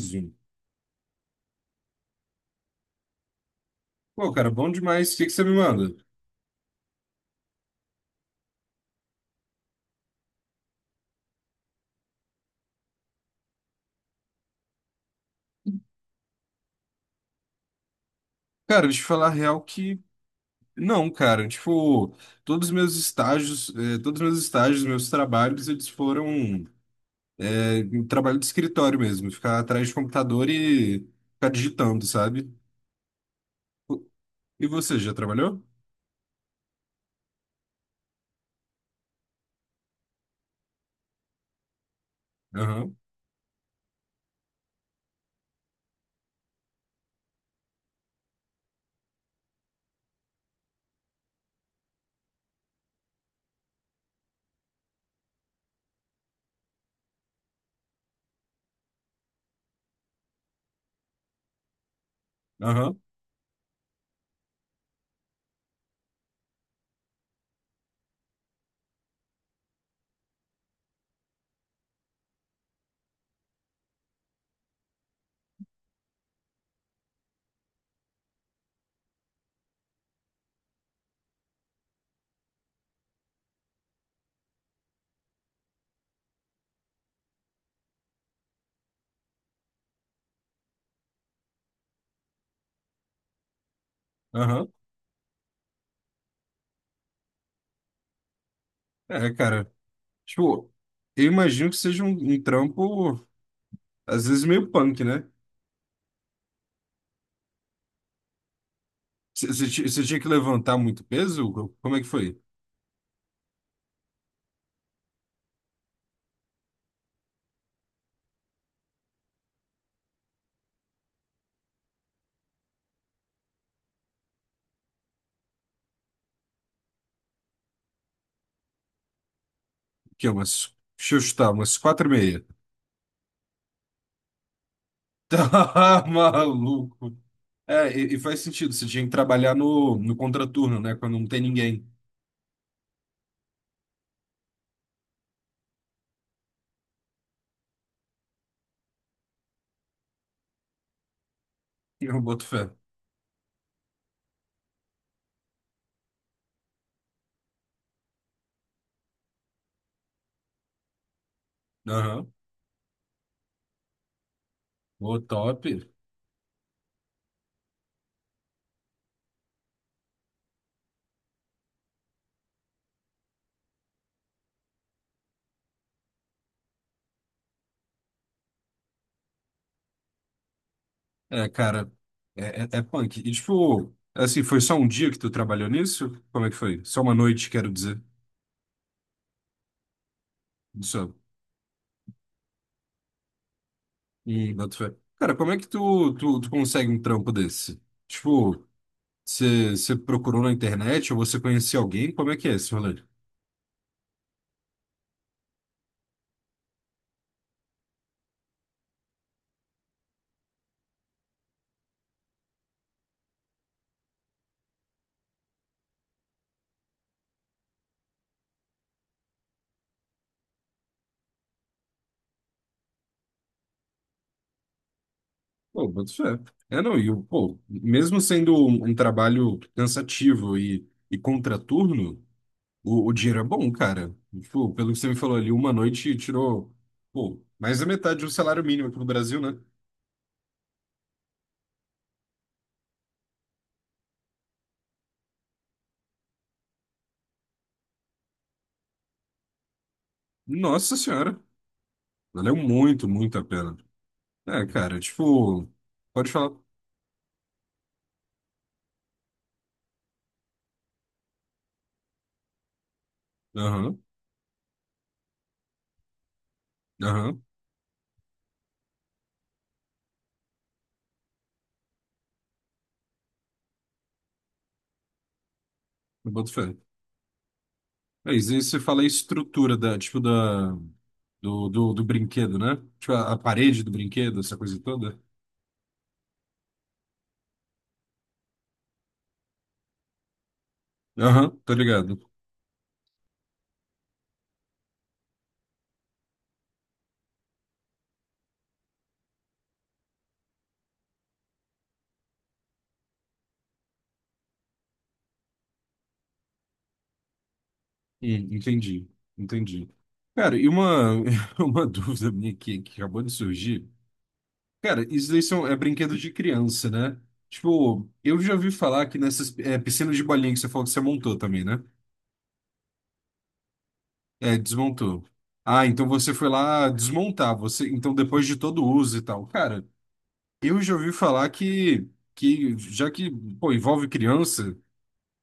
Zoom. Pô, cara, bom demais. O que que você me manda? Cara, deixa eu falar a real que não, cara. Tipo, todos os meus estágios, meus trabalhos, eles foram em trabalho de escritório mesmo, ficar atrás de computador e ficar digitando, sabe? E você já trabalhou? Aham, aham, aham. É, cara. Tipo, eu imagino que seja um trampo, às vezes meio punk, né? Você tinha que levantar muito peso? Como é que foi? Que é umas. Deixa eu chutar, umas 4:30. Tá maluco. É, e faz sentido. Você tinha que trabalhar no contraturno, né? Quando não tem ninguém. Eu boto fé. Aham. Ô, top. É, cara, é punk. E, tipo, assim, foi só um dia que tu trabalhou nisso? Como é que foi? Só uma noite, quero dizer. Só. E boto fé. Cara, como é que tu consegue um trampo desse? Tipo, você procurou na internet ou você conhecia alguém? Como é que é esse rolê? Pô, boto fé. É, não, e o, pô, mesmo sendo um trabalho cansativo e contraturno, o dinheiro é bom, cara. Tipo, pelo que você me falou ali, uma noite tirou, pô, mais da metade do salário mínimo aqui no Brasil, né? Nossa senhora, valeu muito, muito a pena. É, cara, tipo, pode falar. Aham, aham, eu boto fé. É, isso aí você fala a estrutura da, tipo, da, do brinquedo, né? Tipo, a parede do brinquedo, essa coisa toda. Aham, tô ligado. Entendi, entendi. Cara, e uma, uma dúvida minha aqui que acabou de surgir. Cara, isso daí são, é brinquedo de criança, né? Tipo, eu já ouvi falar que nessas piscinas de bolinha que você falou que você montou também, né? É, desmontou. Ah, então você foi lá desmontar, você, então depois de todo o uso e tal. Cara, eu já ouvi falar que, já que, pô, envolve criança,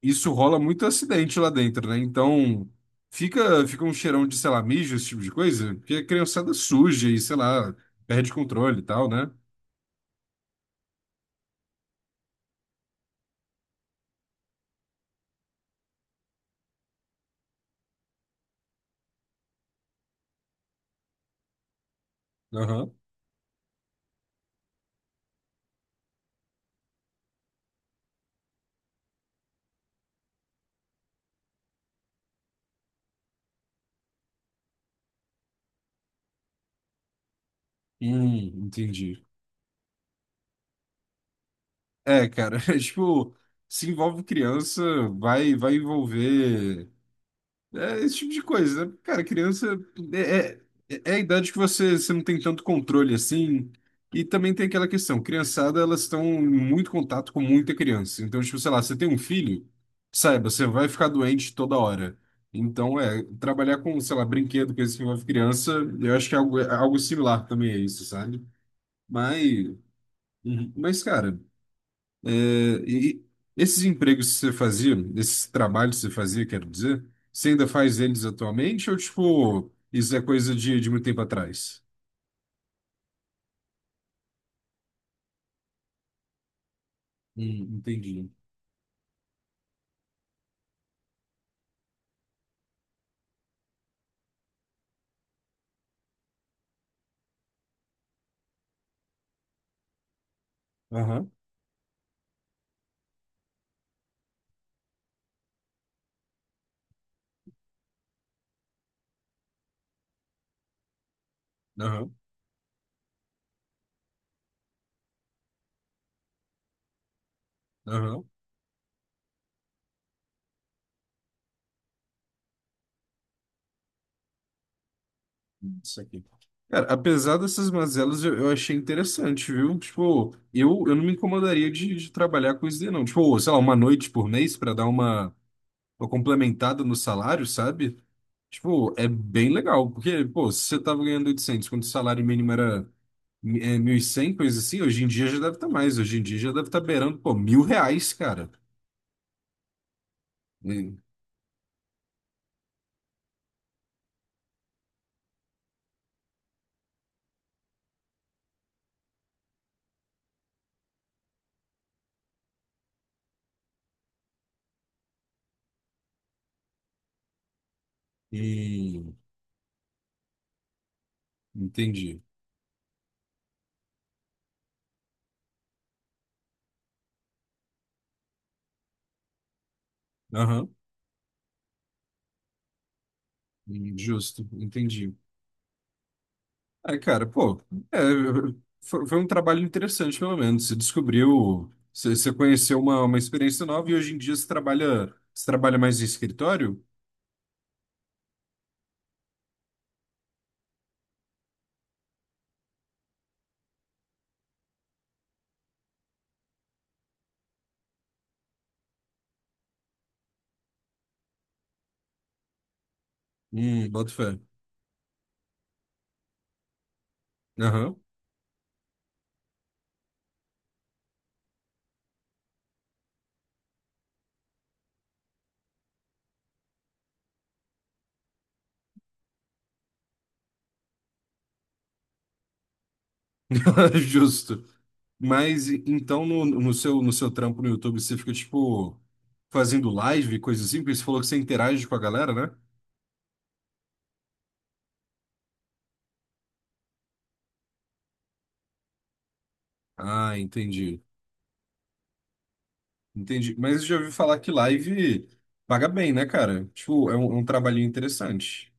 isso rola muito acidente lá dentro, né? Então, fica um cheirão de, sei lá, mijo, esse tipo de coisa, porque a criançada suja e, sei lá, perde controle e tal, né? Aham. Entendi. É, cara, é tipo, se envolve criança, vai envolver. É esse tipo de coisa, né? Cara, criança é, é a idade que você não tem tanto controle assim. E também tem aquela questão, criançada, elas estão em muito contato com muita criança. Então, tipo, sei lá, você tem um filho, saiba, você vai ficar doente toda hora. Então, é, trabalhar com, sei lá, brinquedo, coisa que envolve criança, eu acho que é algo similar também a isso, sabe? Mas, uhum. Mas, cara. É, e esses empregos que você fazia, esses trabalhos que você fazia, quero dizer, você ainda faz eles atualmente ou, tipo, isso é coisa de muito tempo atrás? Entendi. Aham. Aham, aham, isso aqui. Cara, apesar dessas mazelas, eu achei interessante, viu? Tipo, eu não me incomodaria de trabalhar com isso daí, não. Tipo, sei lá, uma noite por mês para dar uma, complementada no salário, sabe? Tipo, é bem legal, porque, pô, se você tava ganhando 800 quando o salário mínimo era 1.100 coisa assim, hoje em dia já deve estar mais, hoje em dia já deve estar beirando, pô, R$ 1.000, cara. E, e- Entendi. Aham, justo, entendi. É, cara, pô, é, foi um trabalho interessante, pelo menos. Você descobriu, você conheceu uma experiência nova e hoje em dia você trabalha, mais em escritório? Boto fé. Aham. Justo. Mas então no, no seu trampo no YouTube você fica tipo fazendo live, coisa assim, porque você falou que você interage com a galera, né? Ah, entendi. Entendi. Mas eu já ouvi falar que live paga bem, né, cara? Tipo, é um, trabalhinho interessante.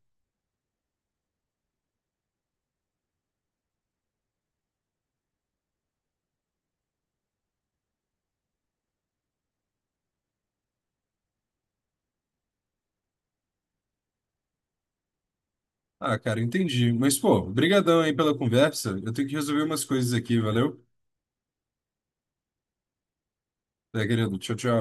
Ah, cara, entendi. Mas pô, brigadão aí pela conversa. Eu tenho que resolver umas coisas aqui, valeu? Tá, querido. Tchau, tchau.